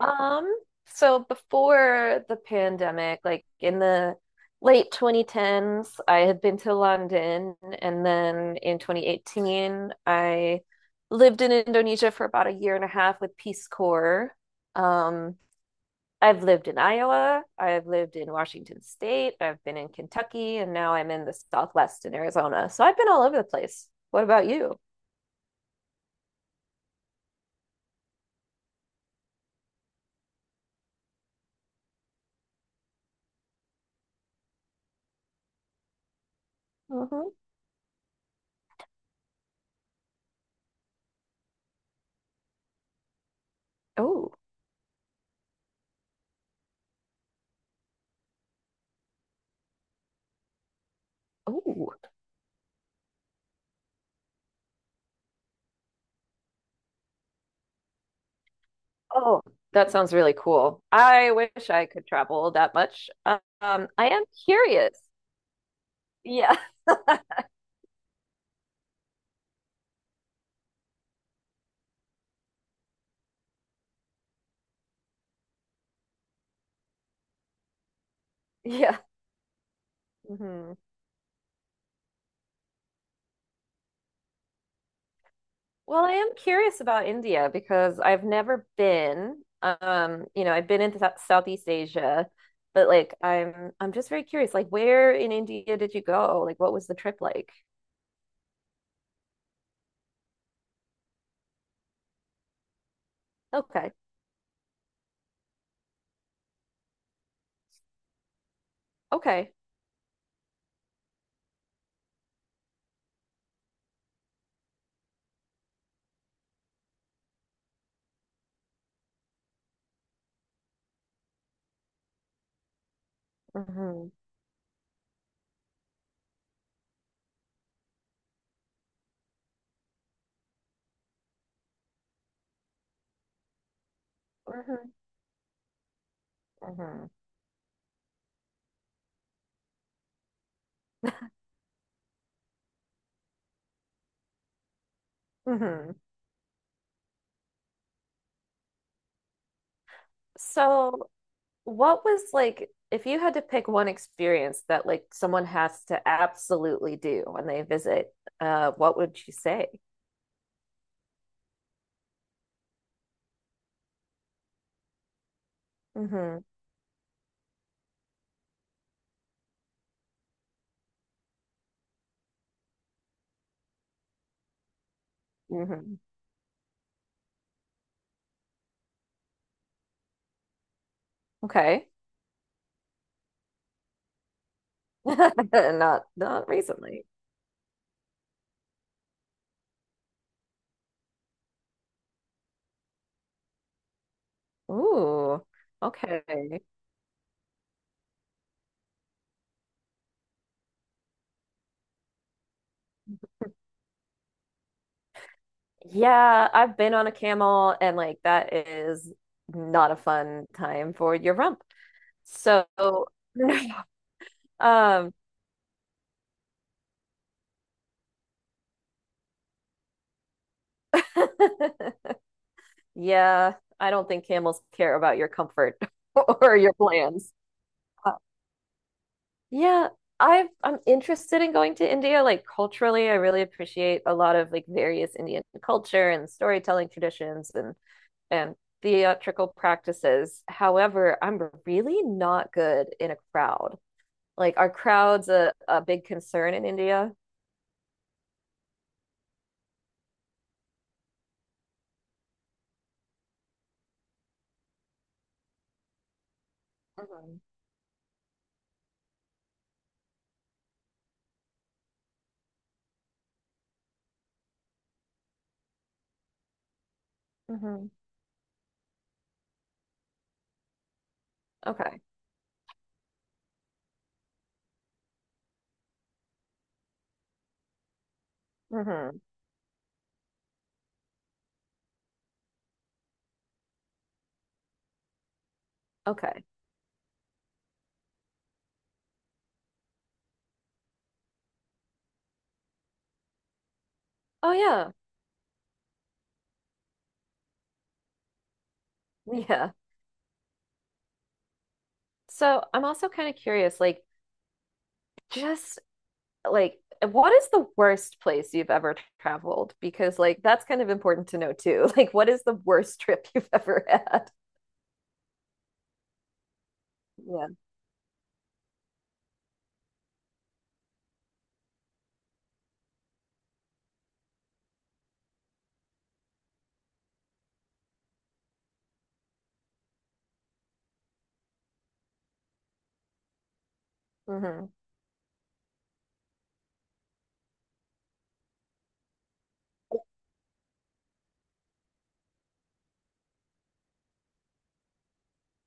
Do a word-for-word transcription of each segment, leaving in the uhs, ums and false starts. Um, so before the pandemic, like in the late twenty tens, I had been to London, and then in twenty eighteen, I lived in Indonesia for about a year and a half with Peace Corps. Um, I've lived in Iowa, I've lived in Washington State, I've been in Kentucky, and now I'm in the Southwest in Arizona. So I've been all over the place. What about you? Mm-hmm. Oh, oh. Oh, that sounds really cool. I wish I could travel that much. Um, I am curious. Yeah, yeah. Hmm. Well, I am curious about India because I've never been. Um, you know, I've been into Sou- Southeast Asia, but like I'm I'm just very curious. Like, where in India did you go? Like, what was the trip like? Okay. Okay. Hmm. Hmm. Hmm. Hmm. So what was like, if you had to pick one experience that like someone has to absolutely do when they visit, uh, what would you say? Hmm. Hmm. Okay. Not not recently. Ooh. Okay. Yeah, I've been on a camel and like that is not a fun time for your rump. So, um, yeah, I don't think camels care about your comfort or your plans. Yeah, I've I'm interested in going to India. Like, culturally, I really appreciate a lot of like various Indian culture and storytelling traditions and and theatrical practices. However, I'm really not good in a crowd. Like, are crowds a, a big concern in India? Hmm. Hmm. Okay. Hmm. Okay. Oh yeah. Yeah. So I'm also kind of curious, like just like what is the worst place you've ever traveled? Because like that's kind of important to know too. Like, what is the worst trip you've ever had? Yeah. Hmm.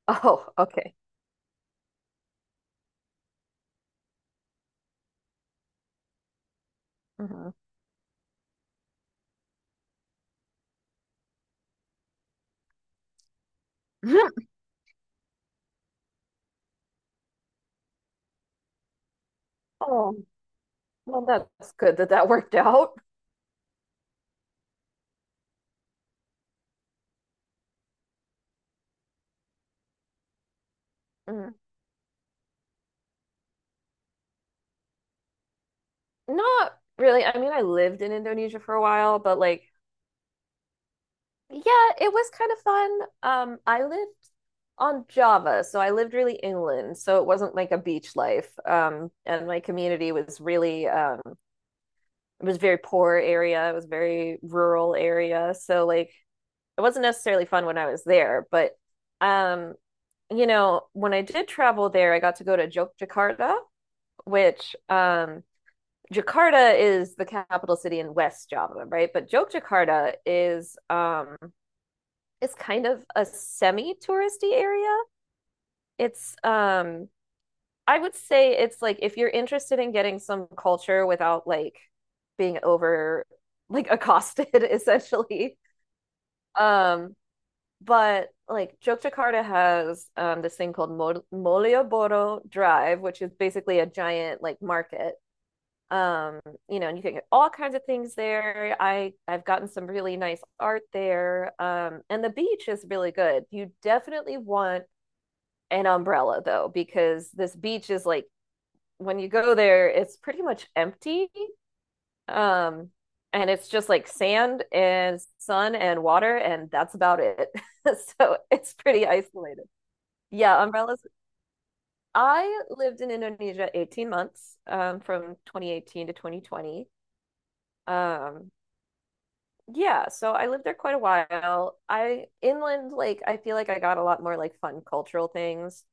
Oh, okay. Hmm. Oh, well, that's good that that worked out. Mhm. Not really. I mean, I lived in Indonesia for a while, but like, yeah, it was kind of fun. Um, I lived on Java, so I lived really inland, so it wasn't like a beach life. Um, and my community was really um it was a very poor area. It was a very rural area. So like it wasn't necessarily fun when I was there, but um, you know, when I did travel there, I got to go to Jok, which um Jakarta is the capital city in West Java, right? But Jogjakarta is um it's kind of a semi-touristy area. It's um I would say it's like if you're interested in getting some culture without like being over like accosted essentially. Um, but like Yogyakarta has um this thing called Mol- Malioboro Drive, which is basically a giant like market. Um, you know, and you can get all kinds of things there. I I've gotten some really nice art there. Um, and the beach is really good. You definitely want an umbrella though, because this beach is like when you go there, it's pretty much empty. Um, and it's just like sand and sun and water, and that's about it. So it's pretty isolated. Yeah, umbrellas. I lived in Indonesia eighteen months, um, from twenty eighteen to twenty twenty. Um, yeah, so I lived there quite a while. I inland, like, I feel like I got a lot more like fun cultural things.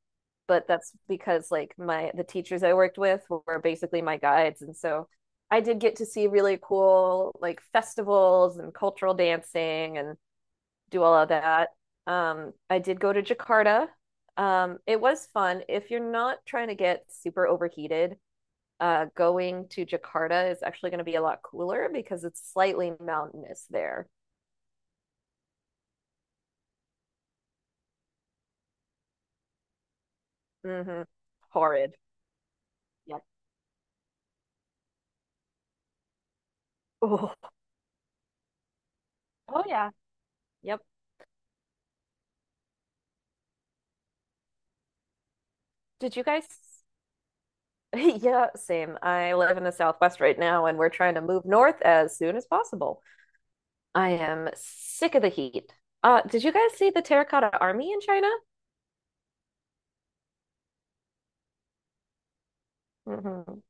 But that's because like my the teachers I worked with were basically my guides, and so I did get to see really cool like festivals and cultural dancing and do all of that. Um, I did go to Jakarta. Um, it was fun. If you're not trying to get super overheated, uh, going to Jakarta is actually going to be a lot cooler because it's slightly mountainous there. Hmm. Horrid. Yep. Oh, oh yeah. Yep. Did you guys Yeah, same. I live in the Southwest right now, and we're trying to move north as soon as possible. I am sick of the heat. Uh, did you guys see the Terracotta Army in China? Mm-hmm.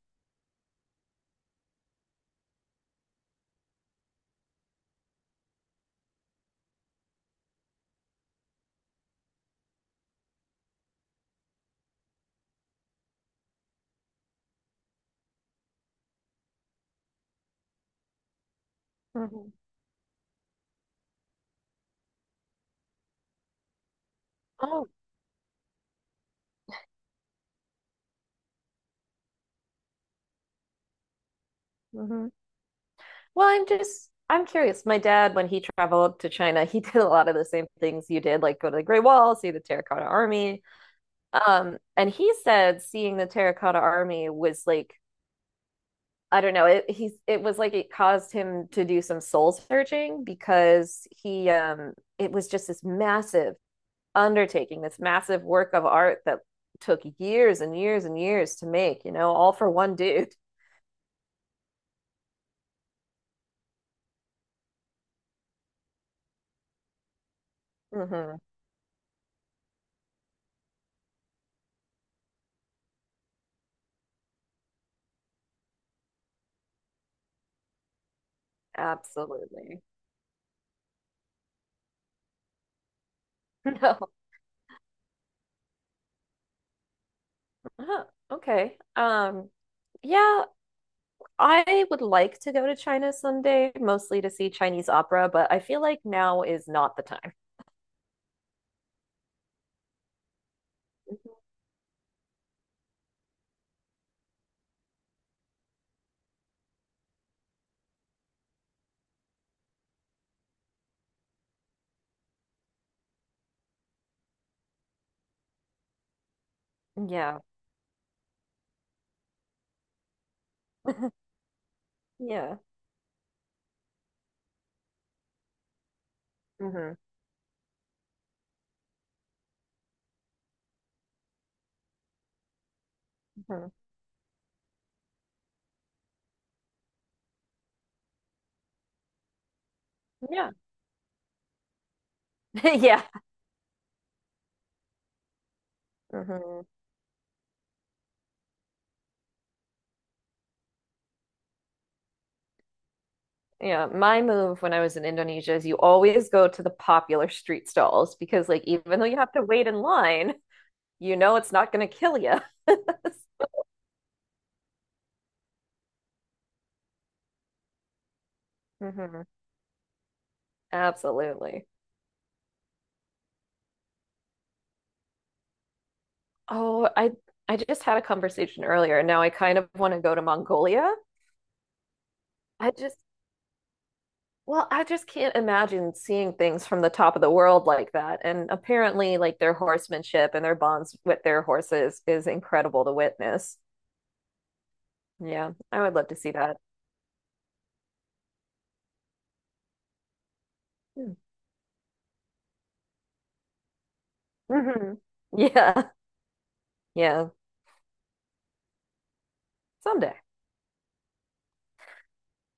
Mm-hmm. Oh, mm-hmm. Well, I'm just, I'm curious. My dad, when he traveled to China, he did a lot of the same things you did, like go to the Great Wall, see the Terracotta Army. Um, and he said seeing the Terracotta Army was like I don't know. It he's it was like it caused him to do some soul searching because he um it was just this massive undertaking, this massive work of art that took years and years and years to make, you know, all for one dude. Hmm. Absolutely. No. Huh. Okay. Um yeah, I would like to go to China someday, mostly to see Chinese opera, but I feel like now is not the time. Mhm. Yeah. Yeah. Hmm. Hmm. Yeah. Yeah. Mhm. Yeah, my move when I was in Indonesia is you always go to the popular street stalls because, like, even though you have to wait in line, you know it's not going to kill you. Hmm. Absolutely. Oh, I I just had a conversation earlier. Now I kind of want to go to Mongolia. I just, well, I just can't imagine seeing things from the top of the world like that. And apparently, like, their horsemanship and their bonds with their horses is incredible to witness. Yeah, I would love to see that. Hmm. Yeah. Yeah. Someday.